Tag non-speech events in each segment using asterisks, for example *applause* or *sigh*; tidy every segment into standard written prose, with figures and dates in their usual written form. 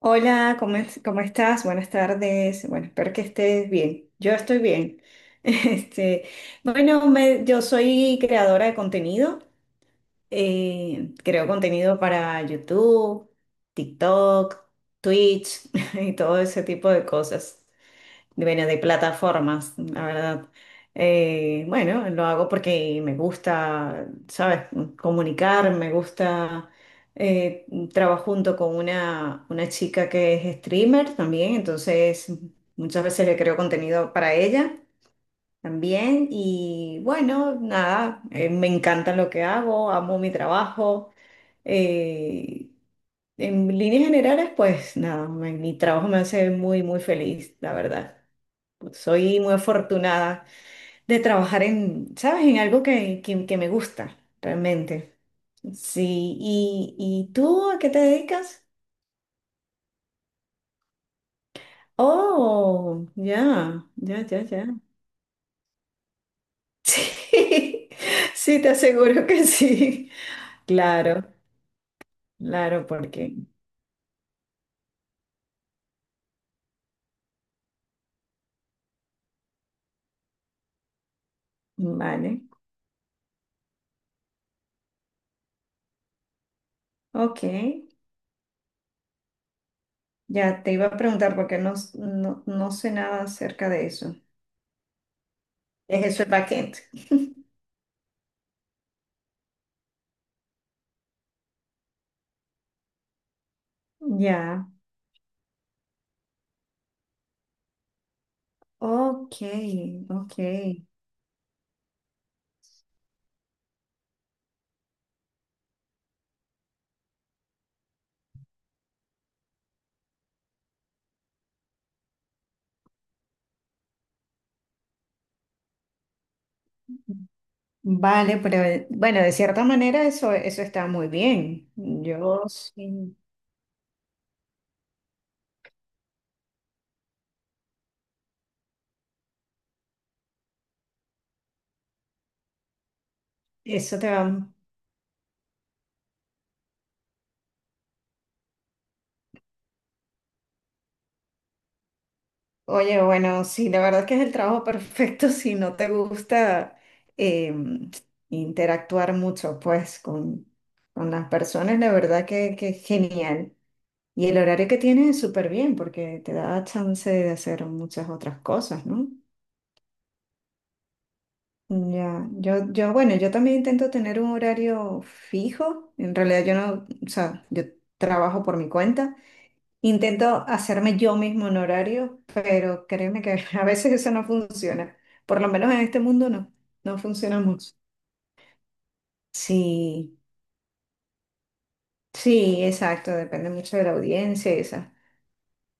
Hola, ¿ cómo estás? Buenas tardes. Bueno, espero que estés bien. Yo estoy bien. *laughs* Este, bueno, yo soy creadora de contenido. Creo contenido para YouTube, TikTok, Twitch *laughs* y todo ese tipo de cosas de, bueno, de plataformas, la verdad. Bueno, lo hago porque me gusta, ¿sabes? Comunicar, me gusta. eh, Trabajo junto con una chica que es streamer también, entonces muchas veces le creo contenido para ella también. Y bueno, nada, me encanta lo que hago, amo mi trabajo. eh, en líneas generales, pues nada, mi trabajo me hace muy, muy feliz, la verdad. Pues soy muy afortunada de trabajar en, ¿sabes? En algo que me gusta, realmente. Sí, ¿ y tú a qué te dedicas? Oh, ya, ya, ya, ya. *laughs* Sí, sí, te aseguro que sí. Claro, claro, porque, vale, ok. Ya te iba a preguntar porque no, no sé nada acerca de eso. ¿Es eso el backend? Ya, ok, ok. Vale, pero bueno, de cierta manera eso, eso está muy bien. Yo sí, eso te va. Oye, bueno, sí, la verdad es que es el trabajo perfecto *laughs* si no te gusta eh, interactuar mucho, pues, con las personas, la verdad que es genial. Y el horario que tienes es súper bien porque te da chance de hacer muchas otras cosas, ¿no? Ya, yo, bueno, yo también intento tener un horario fijo. En realidad yo no, o sea, yo trabajo por mi cuenta. Intento hacerme yo mismo un horario, pero créeme que *laughs* a veces eso no funciona. Por lo menos en este mundo no, no funciona mucho. Sí, sí, exacto, depende mucho de la audiencia y esa.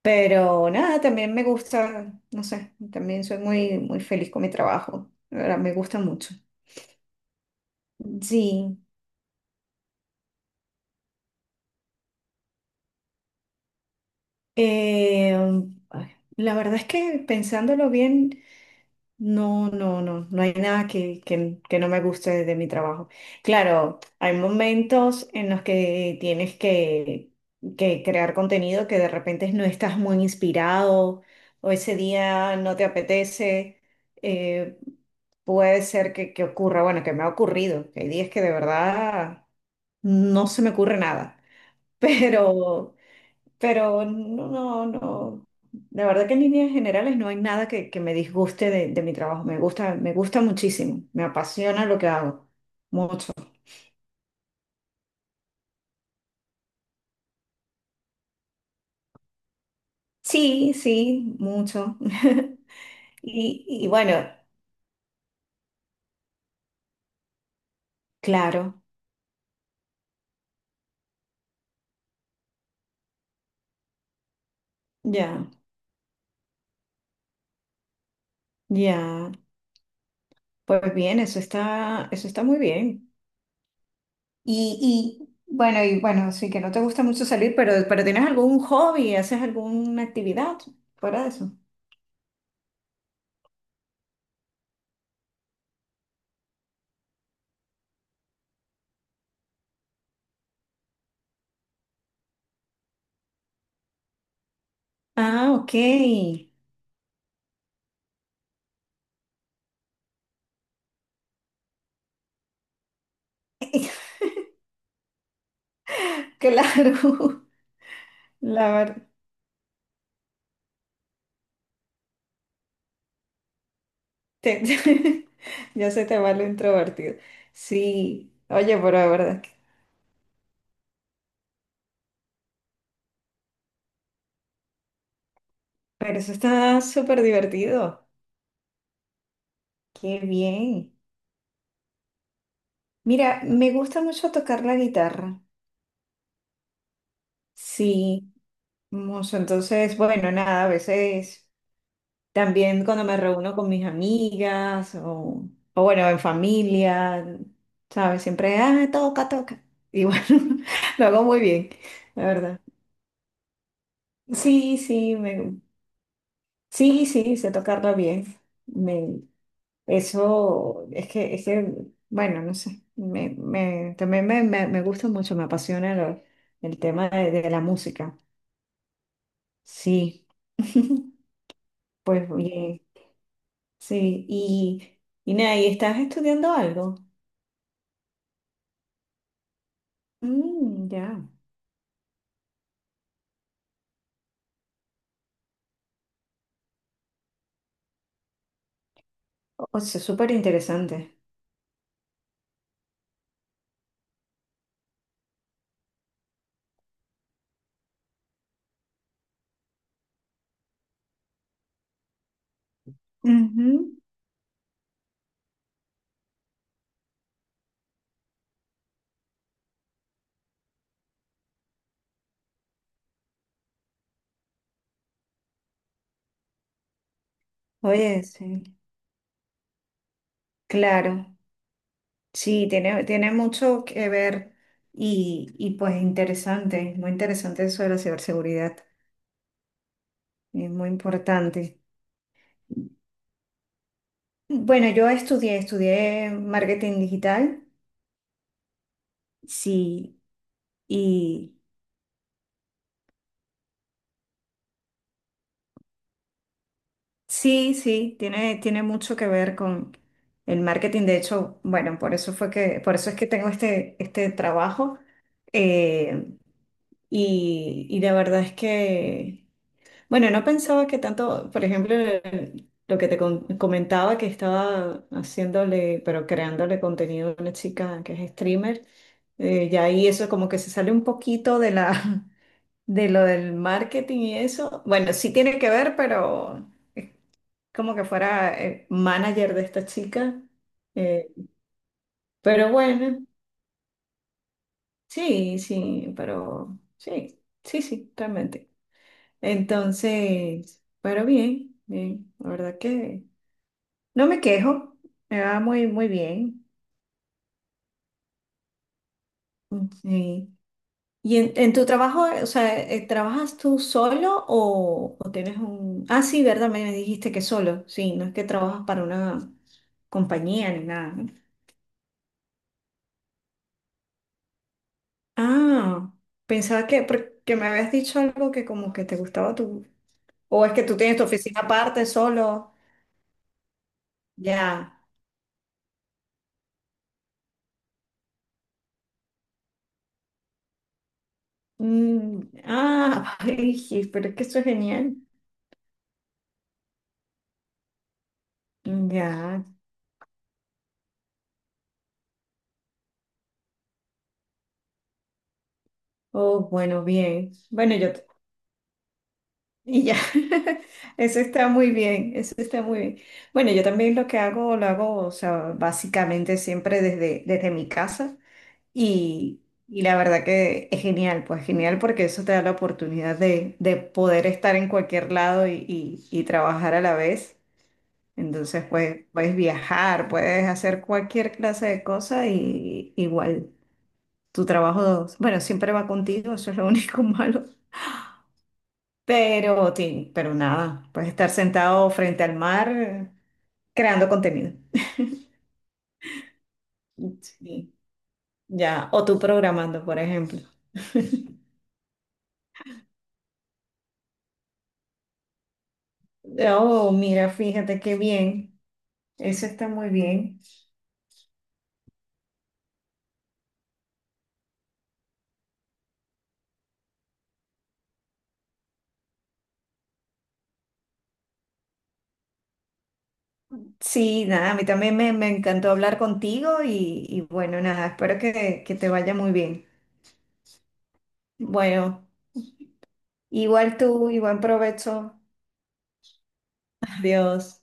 Pero nada, también me gusta, no sé, también soy muy, muy feliz con mi trabajo. La verdad, me gusta mucho. Sí. Eh, Ay, la verdad es que pensándolo bien, no, no, no, no hay nada que, que no me guste de mi trabajo. Claro, hay momentos en los que tienes que crear contenido, que de repente no estás muy inspirado o ese día no te apetece. eh, Puede ser que ocurra, bueno, que me ha ocurrido, que hay días que de verdad no se me ocurre nada, *laughs* pero... Pero no, no, no. La verdad que en líneas generales no hay nada que, que me disguste de mi trabajo. Me gusta muchísimo. Me apasiona lo que hago. Mucho. Sí, sí, mucho. *laughs* Y, y bueno, claro, ya, ya. Pues bien, eso está muy bien. Y bueno, sí, que no te gusta mucho salir, pero ¿tienes algún hobby? ¿Haces alguna actividad fuera de eso? Ah, ok. *laughs* Claro. La verdad, *laughs* ya se te va lo introvertido. Sí, oye, pero la verdad, que- pero eso está súper divertido. Qué bien. Mira, me gusta mucho tocar la guitarra. Sí, mucho. Entonces, bueno, nada, a veces también cuando me reúno con mis amigas o bueno, en familia, ¿sabes? Siempre, ah, toca, toca. Y bueno, *laughs* lo hago muy bien, la verdad. Sí, sí, me, sí, sí, sé tocarla bien. Me, eso es que, bueno, no sé, también me gusta mucho, me apasiona el tema de la música. Sí, *laughs* pues bien, sí. Y nada, ¿y estás estudiando algo? Mm, ya, o sea, súper interesante. Ujú. Oye, sí, claro. Sí, tiene, tiene mucho que ver y pues interesante, muy interesante eso de la ciberseguridad, es muy importante. Bueno, yo estudié, estudié marketing digital, sí, y sí, sí, tiene, tiene mucho que ver con el marketing. De hecho, bueno, por eso fue que, por eso es que tengo este, este trabajo. eh, y, y la verdad es que bueno, no pensaba que tanto, por ejemplo, lo que te comentaba, que estaba haciéndole, pero creándole contenido a una chica que es streamer, ya ahí eso como que se sale un poquito de la, *laughs* de lo del marketing y eso. Bueno, sí tiene que ver, pero es como que fuera manager de esta chica. eh, pero bueno, sí, sí, pero sí, sí, sí, realmente. Entonces, pero bien, bien, la verdad que... No me quejo, me va muy, muy bien. Mm, sí. ¿Y en tu trabajo, o sea, trabajas tú solo o tienes un... Ah, sí, ¿verdad? Me dijiste que solo, sí, no, es que trabajas para una compañía ni nada, ¿no? Ah, pensaba que, porque me habías dicho algo, que como que te gustaba tu... O es que tú tienes tu oficina aparte, solo, ya. Mm, ah, *laughs* ay, sí, pero es que eso es genial. Ya. Oh, bueno, bien. Bueno, yo, y ya, *laughs* eso está muy bien, eso está muy bien. Bueno, yo también lo que hago, lo hago, o sea, básicamente siempre desde, desde mi casa y, y la verdad que es genial, pues genial, porque eso te da la oportunidad de poder estar en cualquier lado y, y trabajar a la vez. Entonces, pues puedes viajar, puedes hacer cualquier clase de cosa y igual tu trabajo, bueno, siempre va contigo, eso es lo único *laughs* malo, pero, ti- pero nada, puedes estar sentado frente al mar, creando contenido. Sí, ya, o tú programando, por ejemplo. *laughs* Oh, mira, fíjate qué bien. Eso está muy bien. Sí, nada, a mí también me encantó hablar contigo y bueno, nada, espero que te vaya muy bien. Bueno, igual tú y buen provecho. Adiós.